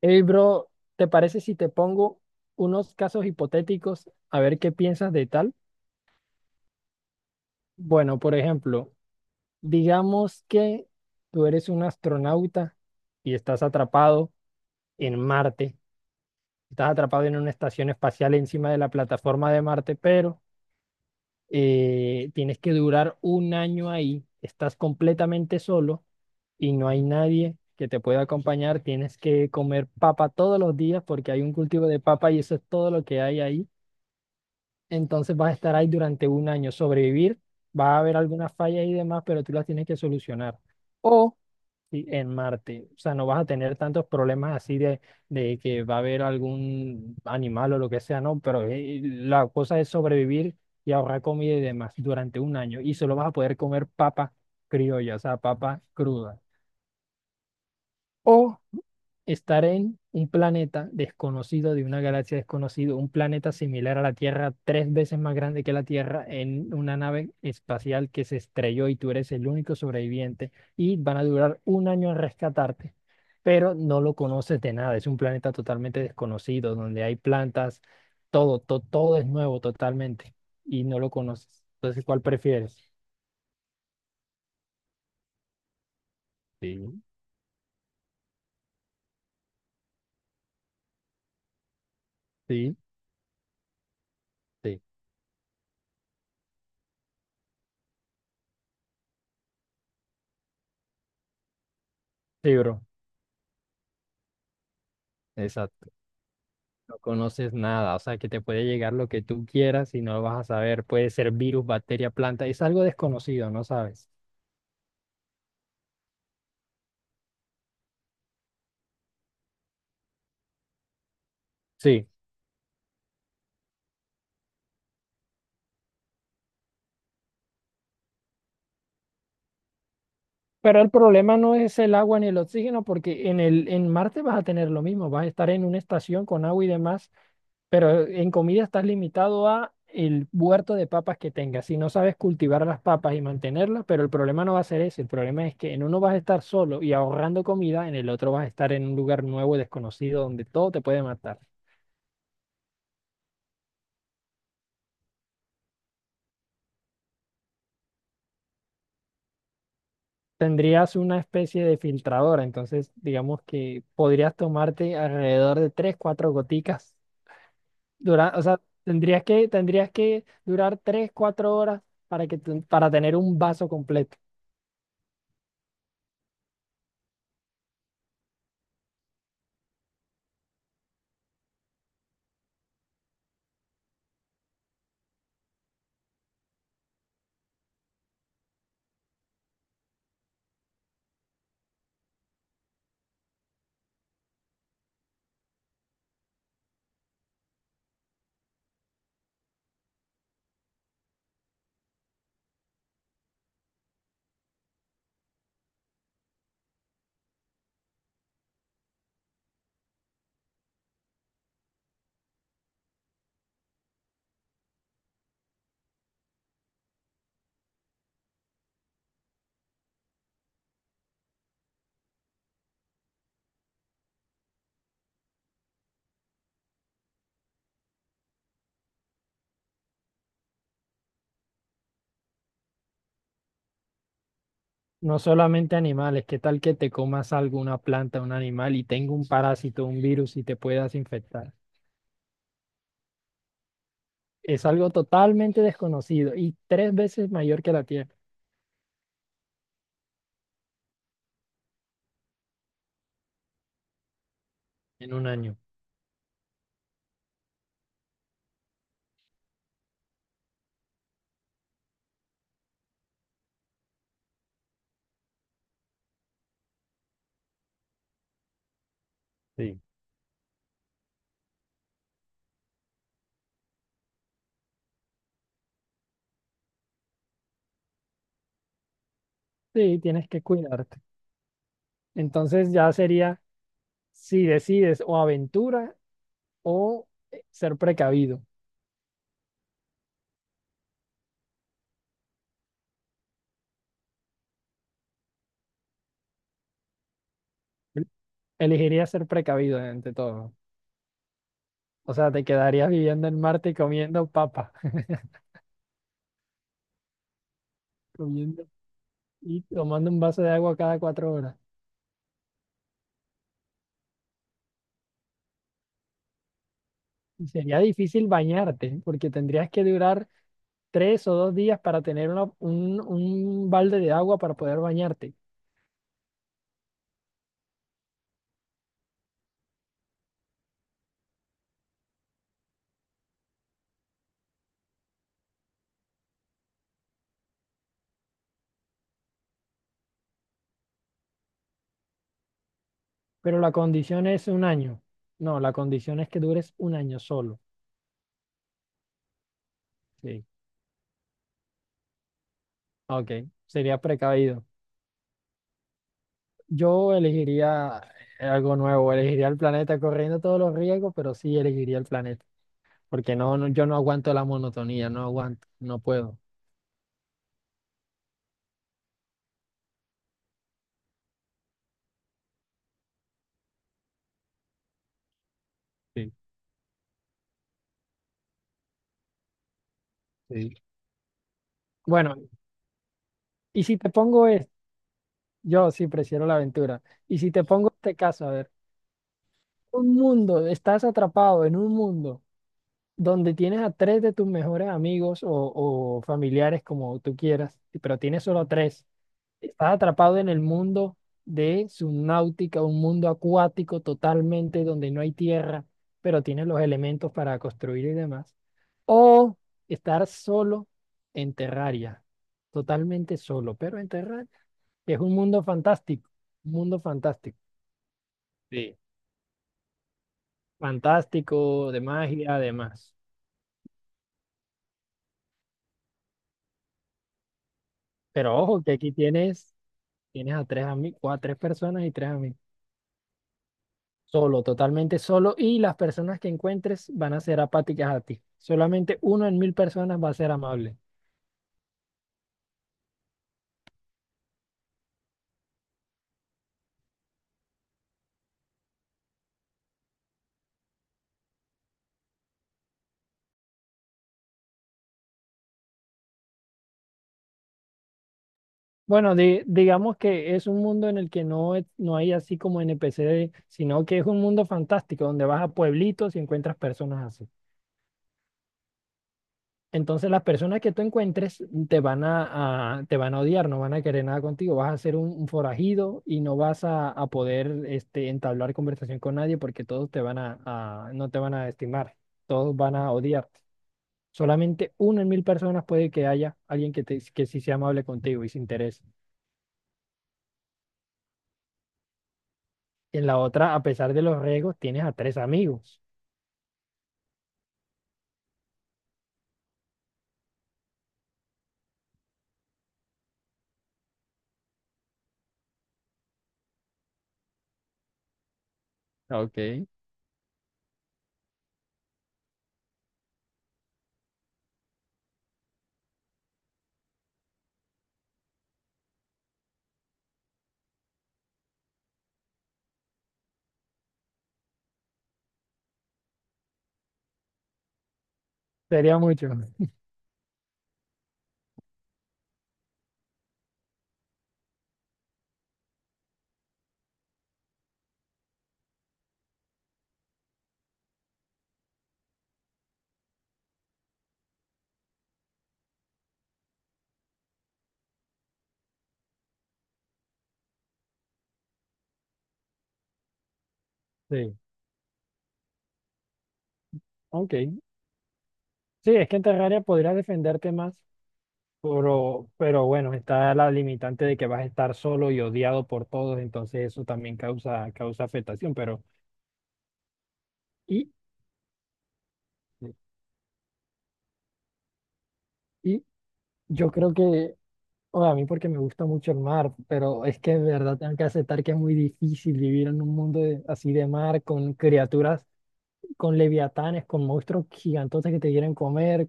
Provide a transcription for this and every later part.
Hey, bro, ¿te parece si te pongo unos casos hipotéticos a ver qué piensas de tal? Bueno, por ejemplo, digamos que tú eres un astronauta y estás atrapado en Marte, estás atrapado en una estación espacial encima de la plataforma de Marte, pero tienes que durar un año ahí, estás completamente solo y no hay nadie que te pueda acompañar, tienes que comer papa todos los días porque hay un cultivo de papa y eso es todo lo que hay ahí. Entonces vas a estar ahí durante un año, sobrevivir, va a haber algunas fallas y demás, pero tú las tienes que solucionar. O sí, en Marte, o sea, no vas a tener tantos problemas así de que va a haber algún animal o lo que sea, no, pero la cosa es sobrevivir y ahorrar comida y demás durante un año. Y solo vas a poder comer papa criolla, o sea, papa cruda. O estar en un planeta desconocido, de una galaxia desconocida, un planeta similar a la Tierra, tres veces más grande que la Tierra, en una nave espacial que se estrelló y tú eres el único sobreviviente y van a durar un año en rescatarte, pero no lo conoces de nada, es un planeta totalmente desconocido, donde hay plantas, todo, todo es nuevo totalmente y no lo conoces. Entonces, ¿cuál prefieres? Sí, sí, sí. Sí, bro, exacto. No conoces nada, o sea que te puede llegar lo que tú quieras y no lo vas a saber. Puede ser virus, bacteria, planta, es algo desconocido, no sabes. Sí, pero el problema no es el agua ni el oxígeno, porque en el, en Marte vas a tener lo mismo, vas a estar en una estación con agua y demás, pero en comida estás limitado a el huerto de papas que tengas. Si no sabes cultivar las papas y mantenerlas, pero el problema no va a ser ese, el problema es que en uno vas a estar solo y ahorrando comida, en el otro vas a estar en un lugar nuevo, y desconocido, donde todo te puede matar. Tendrías una especie de filtradora, entonces digamos que podrías tomarte alrededor de 3 4 goticas. Dura, o sea, tendrías que durar 3 4 horas para que para tener un vaso completo. No solamente animales, ¿qué tal que te comas algo, una planta, un animal y tenga un parásito, un virus y te puedas infectar? Es algo totalmente desconocido y tres veces mayor que la Tierra en un año. Sí. Sí, tienes que cuidarte. Entonces ya sería si decides o aventura o ser precavido. Elegiría ser precavido ante todo. O sea, te quedarías viviendo en Marte y comiendo papa, comiendo y tomando un vaso de agua cada cuatro horas. Y sería difícil bañarte porque tendrías que durar tres o dos días para tener un balde de agua para poder bañarte. Pero la condición es un año. No, la condición es que dures un año solo. Sí. Ok, sería precavido. Yo elegiría algo nuevo, elegiría el planeta corriendo todos los riesgos, pero sí elegiría el planeta, porque yo no aguanto la monotonía, no aguanto, no puedo. Sí, sí. Bueno, y si te pongo es, yo sí prefiero la aventura. Y si te pongo este caso, a ver, un mundo, estás atrapado en un mundo donde tienes a tres de tus mejores amigos o familiares, como tú quieras, pero tienes solo tres. Estás atrapado en el mundo de subnáutica, un mundo acuático totalmente donde no hay tierra, pero tienes los elementos para construir y demás. O estar solo en Terraria, totalmente solo, pero en Terraria, que es un mundo fantástico, un mundo fantástico. Sí. Fantástico, de magia, además. Pero ojo, que aquí tienes, tienes a tres amigos, a tres personas y tres amigos. Solo, totalmente solo. Y las personas que encuentres van a ser apáticas a ti. Solamente uno en mil personas va a ser amable. Bueno, digamos que es un mundo en el que no, no hay así como NPC, sino que es un mundo fantástico donde vas a pueblitos y encuentras personas así. Entonces las personas que tú encuentres te van a, te van a odiar, no van a querer nada contigo, vas a ser un forajido y no vas a poder este, entablar conversación con nadie porque todos te van a, no te van a estimar, todos van a odiar. Solamente uno en mil personas puede que haya alguien que, que sí sea amable contigo y se interese. En la otra, a pesar de los riesgos, tienes a tres amigos. Ok. Sería mucho. Sí, ok. Sí, es que en Terraria podrías defenderte más, pero bueno, está la limitante de que vas a estar solo y odiado por todos, entonces eso también causa, causa afectación, pero y, y yo creo que o a mí porque me gusta mucho el mar, pero es que de verdad tengo que aceptar que es muy difícil vivir en un mundo así de mar, con criaturas, con leviatanes, con monstruos gigantotes que te quieren comer.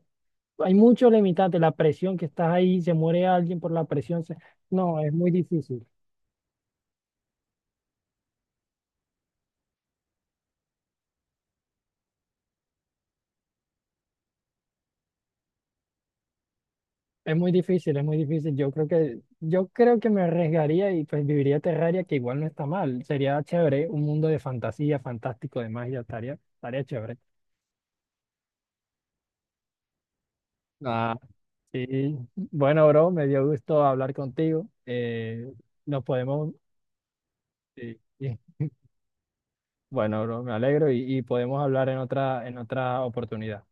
Hay mucho limitante, la presión que estás ahí, se muere alguien por la presión. No, es muy difícil, es muy difícil, es muy difícil. Yo creo que me arriesgaría y pues viviría Terraria, que igual no está mal. Sería chévere, un mundo de fantasía, fantástico, de magia, estaría, estaría chévere. Sí, bueno, bro, me dio gusto hablar contigo. Nos podemos, sí, sí. Bueno, bro, me alegro y podemos hablar en otra oportunidad.